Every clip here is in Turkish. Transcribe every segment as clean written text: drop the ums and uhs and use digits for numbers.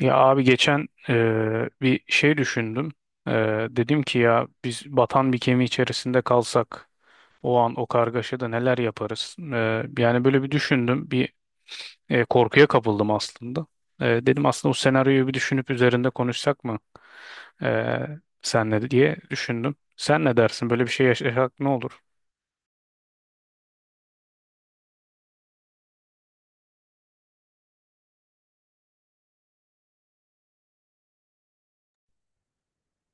Ya abi geçen bir şey düşündüm. Dedim ki ya biz batan bir gemi içerisinde kalsak o an o kargaşada neler yaparız? Yani böyle bir düşündüm. Korkuya kapıldım aslında. Dedim aslında o senaryoyu bir düşünüp üzerinde konuşsak mı? Senle diye düşündüm. Sen ne dersin? Böyle bir şey yaşasak ne olur?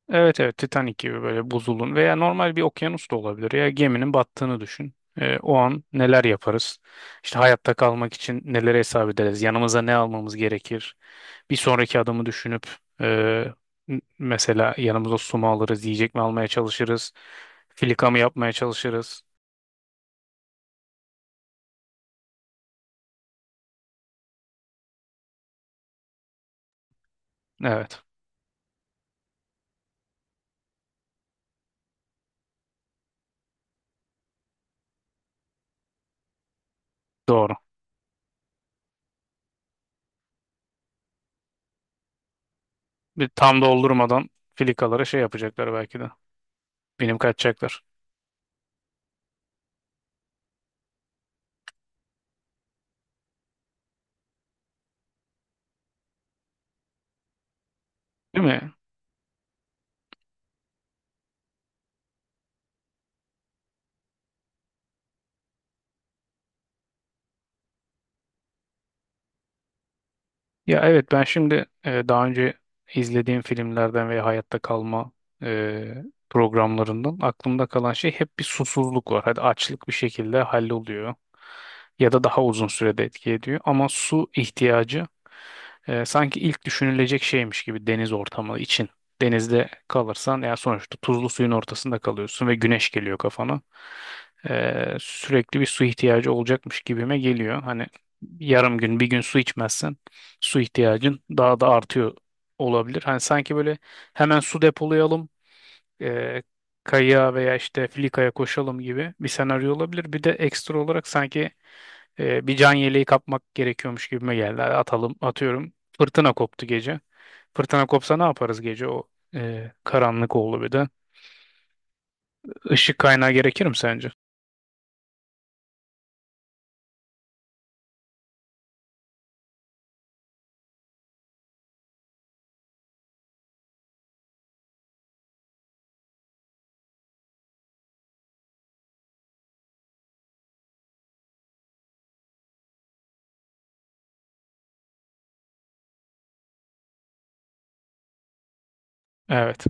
Evet, evet, Titanic gibi böyle buzulun veya normal bir okyanus da olabilir ya geminin battığını düşün. O an neler yaparız? İşte hayatta kalmak için neleri hesap ederiz? Yanımıza ne almamız gerekir? Bir sonraki adımı düşünüp e, mesela yanımıza su mu alırız, yiyecek mi almaya çalışırız, filika mı yapmaya çalışırız? Evet, doğru. Bir tam doldurmadan filikalara şey yapacaklar belki de. Benim kaçacaklar. Değil mi? Ya evet, ben şimdi daha önce izlediğim filmlerden ve hayatta kalma e, programlarından aklımda kalan şey hep bir susuzluk var. Hadi açlık bir şekilde halloluyor ya da daha uzun sürede etki ediyor ama su ihtiyacı sanki ilk düşünülecek şeymiş gibi deniz ortamı için. Denizde kalırsan ya sonuçta tuzlu suyun ortasında kalıyorsun ve güneş geliyor kafana. Sürekli bir su ihtiyacı olacakmış gibime geliyor. Hani yarım gün bir gün su içmezsen su ihtiyacın daha da artıyor olabilir. Hani sanki böyle hemen su depolayalım e, kayığa veya işte filikaya koşalım gibi bir senaryo olabilir. Bir de ekstra olarak sanki bir can yeleği kapmak gerekiyormuş gibime geldi. Hadi atalım, atıyorum. Fırtına koptu gece. Fırtına kopsa ne yaparız gece, o karanlık oldu bir de. Işık kaynağı gerekir mi sence? Evet.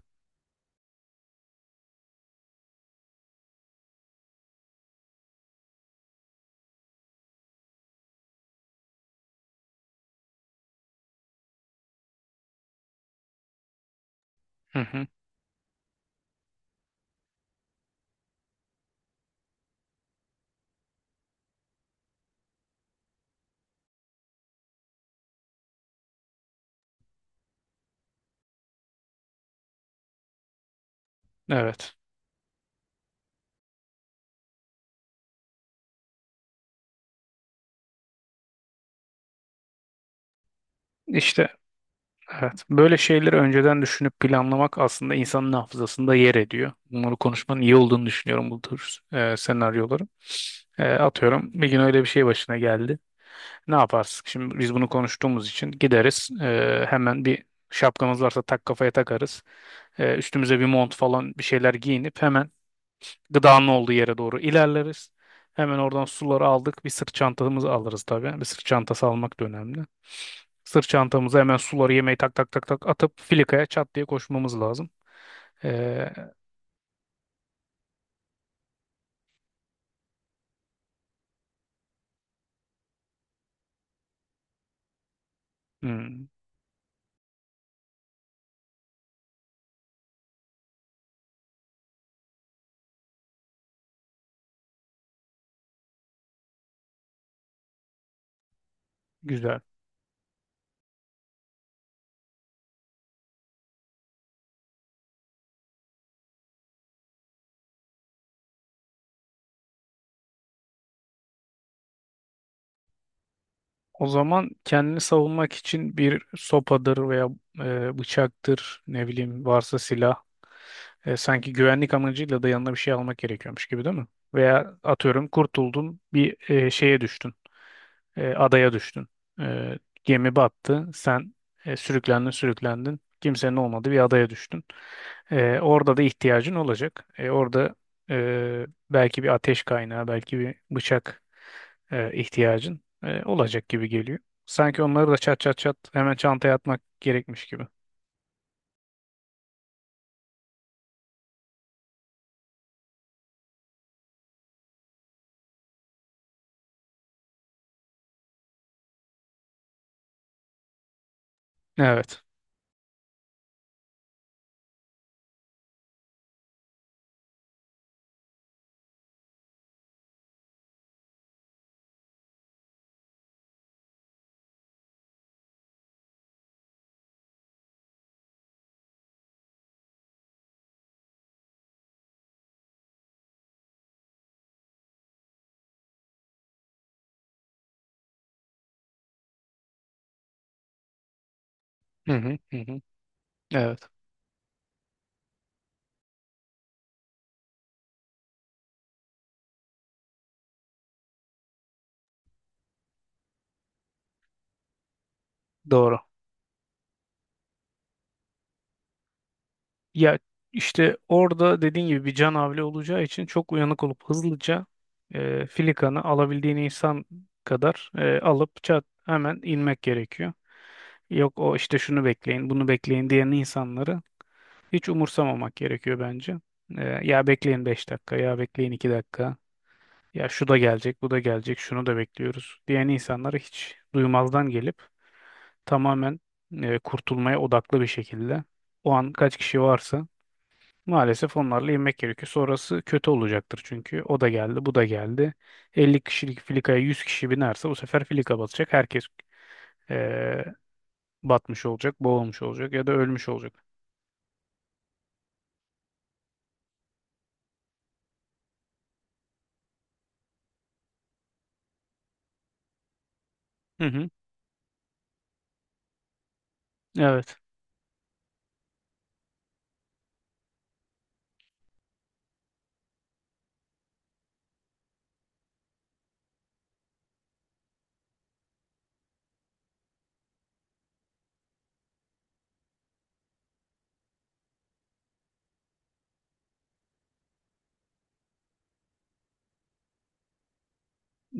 Hı hı. Evet. İşte evet. Böyle şeyleri önceden düşünüp planlamak aslında insanın hafızasında yer ediyor. Bunları konuşmanın iyi olduğunu düşünüyorum bu tür senaryoların. Atıyorum bir gün öyle bir şey başına geldi. Ne yaparsın? Şimdi biz bunu konuştuğumuz için gideriz. Hemen bir şapkamız varsa tak kafaya takarız. Üstümüze bir mont falan bir şeyler giyinip hemen gıdanın olduğu yere doğru ilerleriz. Hemen oradan suları aldık. Bir sırt çantamızı alırız tabii. Bir sırt çantası almak da önemli. Sırt çantamıza hemen suları yemeği tak tak tak tak atıp filikaya çat diye koşmamız lazım. Ee, hmm, Güzel. O zaman kendini savunmak için bir sopadır veya bıçaktır, ne bileyim varsa silah. Sanki güvenlik amacıyla da yanına bir şey almak gerekiyormuş gibi değil mi? Veya atıyorum kurtuldun, bir şeye düştün. Adaya düştün. Gemi battı. Sen sürüklendin sürüklendin. Kimsenin olmadığı bir adaya düştün. Orada da ihtiyacın olacak. Orada belki bir ateş kaynağı, belki bir bıçak ihtiyacın olacak gibi geliyor. Sanki onları da çat çat çat hemen çantaya atmak gerekmiş gibi. Evet. Hı hı hı hı. Evet. Doğru. Ya işte orada dediğin gibi bir can havli olacağı için çok uyanık olup hızlıca filikanı alabildiğin insan kadar alıp çat hemen inmek gerekiyor. Yok, o işte şunu bekleyin, bunu bekleyin diyen insanları hiç umursamamak gerekiyor bence. Ya bekleyin 5 dakika, ya bekleyin 2 dakika, ya şu da gelecek, bu da gelecek, şunu da bekliyoruz diyen insanları hiç duymazdan gelip tamamen kurtulmaya odaklı bir şekilde o an kaç kişi varsa maalesef onlarla inmek gerekiyor. Sonrası kötü olacaktır çünkü. O da geldi, bu da geldi. 50 kişilik filikaya 100 kişi binerse bu sefer filika batacak. Herkes eee, batmış olacak, boğulmuş olacak ya da ölmüş olacak. Hı hı. Evet,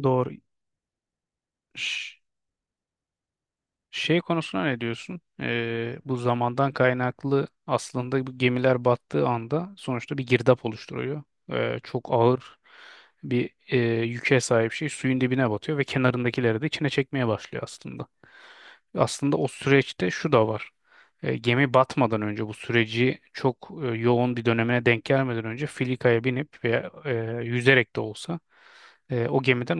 doğru. Şş. Şey konusuna ne diyorsun? Bu zamandan kaynaklı aslında bu gemiler battığı anda sonuçta bir girdap oluşturuyor. Çok ağır bir yüke sahip şey suyun dibine batıyor ve kenarındakileri de içine çekmeye başlıyor aslında. Aslında o süreçte şu da var. Gemi batmadan önce bu süreci çok yoğun bir dönemine denk gelmeden önce filikaya binip veya yüzerek de olsa o gemiden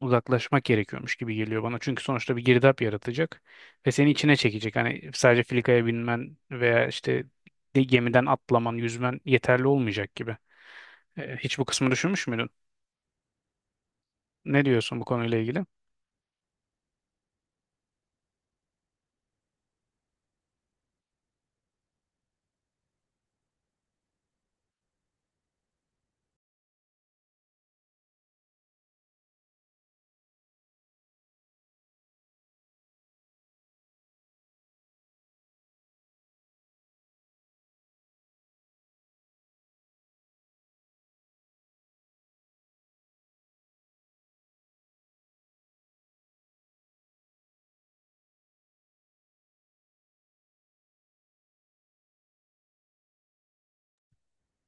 uzaklaşmak gerekiyormuş gibi geliyor bana. Çünkü sonuçta bir girdap yaratacak ve seni içine çekecek. Hani sadece filikaya binmen veya işte gemiden atlaman, yüzmen yeterli olmayacak gibi. Hiç bu kısmı düşünmüş müydün? Ne diyorsun bu konuyla ilgili?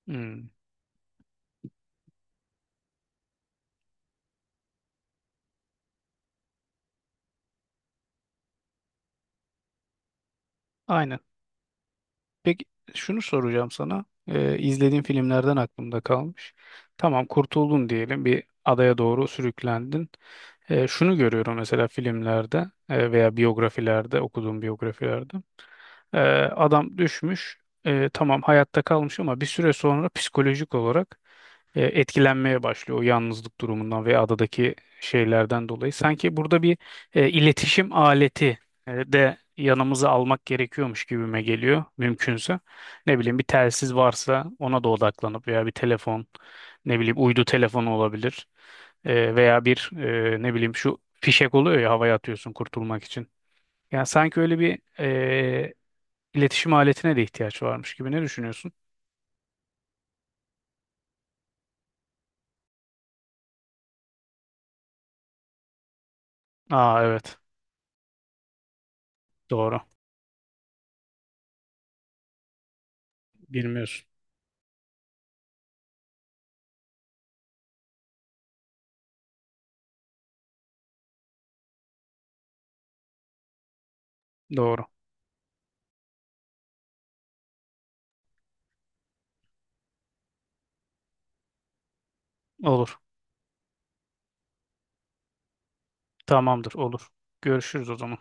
Hmm, aynen. Peki, şunu soracağım sana. İzlediğin filmlerden aklımda kalmış. Tamam, kurtuldun diyelim, bir adaya doğru sürüklendin. Şunu görüyorum mesela filmlerde, veya biyografilerde, okuduğum biyografilerde. Ee, Adam düşmüş. Tamam, hayatta kalmış ama bir süre sonra psikolojik olarak etkilenmeye başlıyor o yalnızlık durumundan ve adadaki şeylerden dolayı. Sanki burada bir iletişim aleti de yanımıza almak gerekiyormuş gibime geliyor mümkünse. Ne bileyim, bir telsiz varsa ona da odaklanıp veya bir telefon, ne bileyim uydu telefonu olabilir. Veya bir, ne bileyim şu fişek oluyor ya, havaya atıyorsun kurtulmak için. Yani sanki öyle bir İletişim aletine de ihtiyaç varmış gibi, ne düşünüyorsun? Aa, evet. Doğru. Bilmiyorsun. Doğru. Olur. Tamamdır, olur. Görüşürüz o zaman.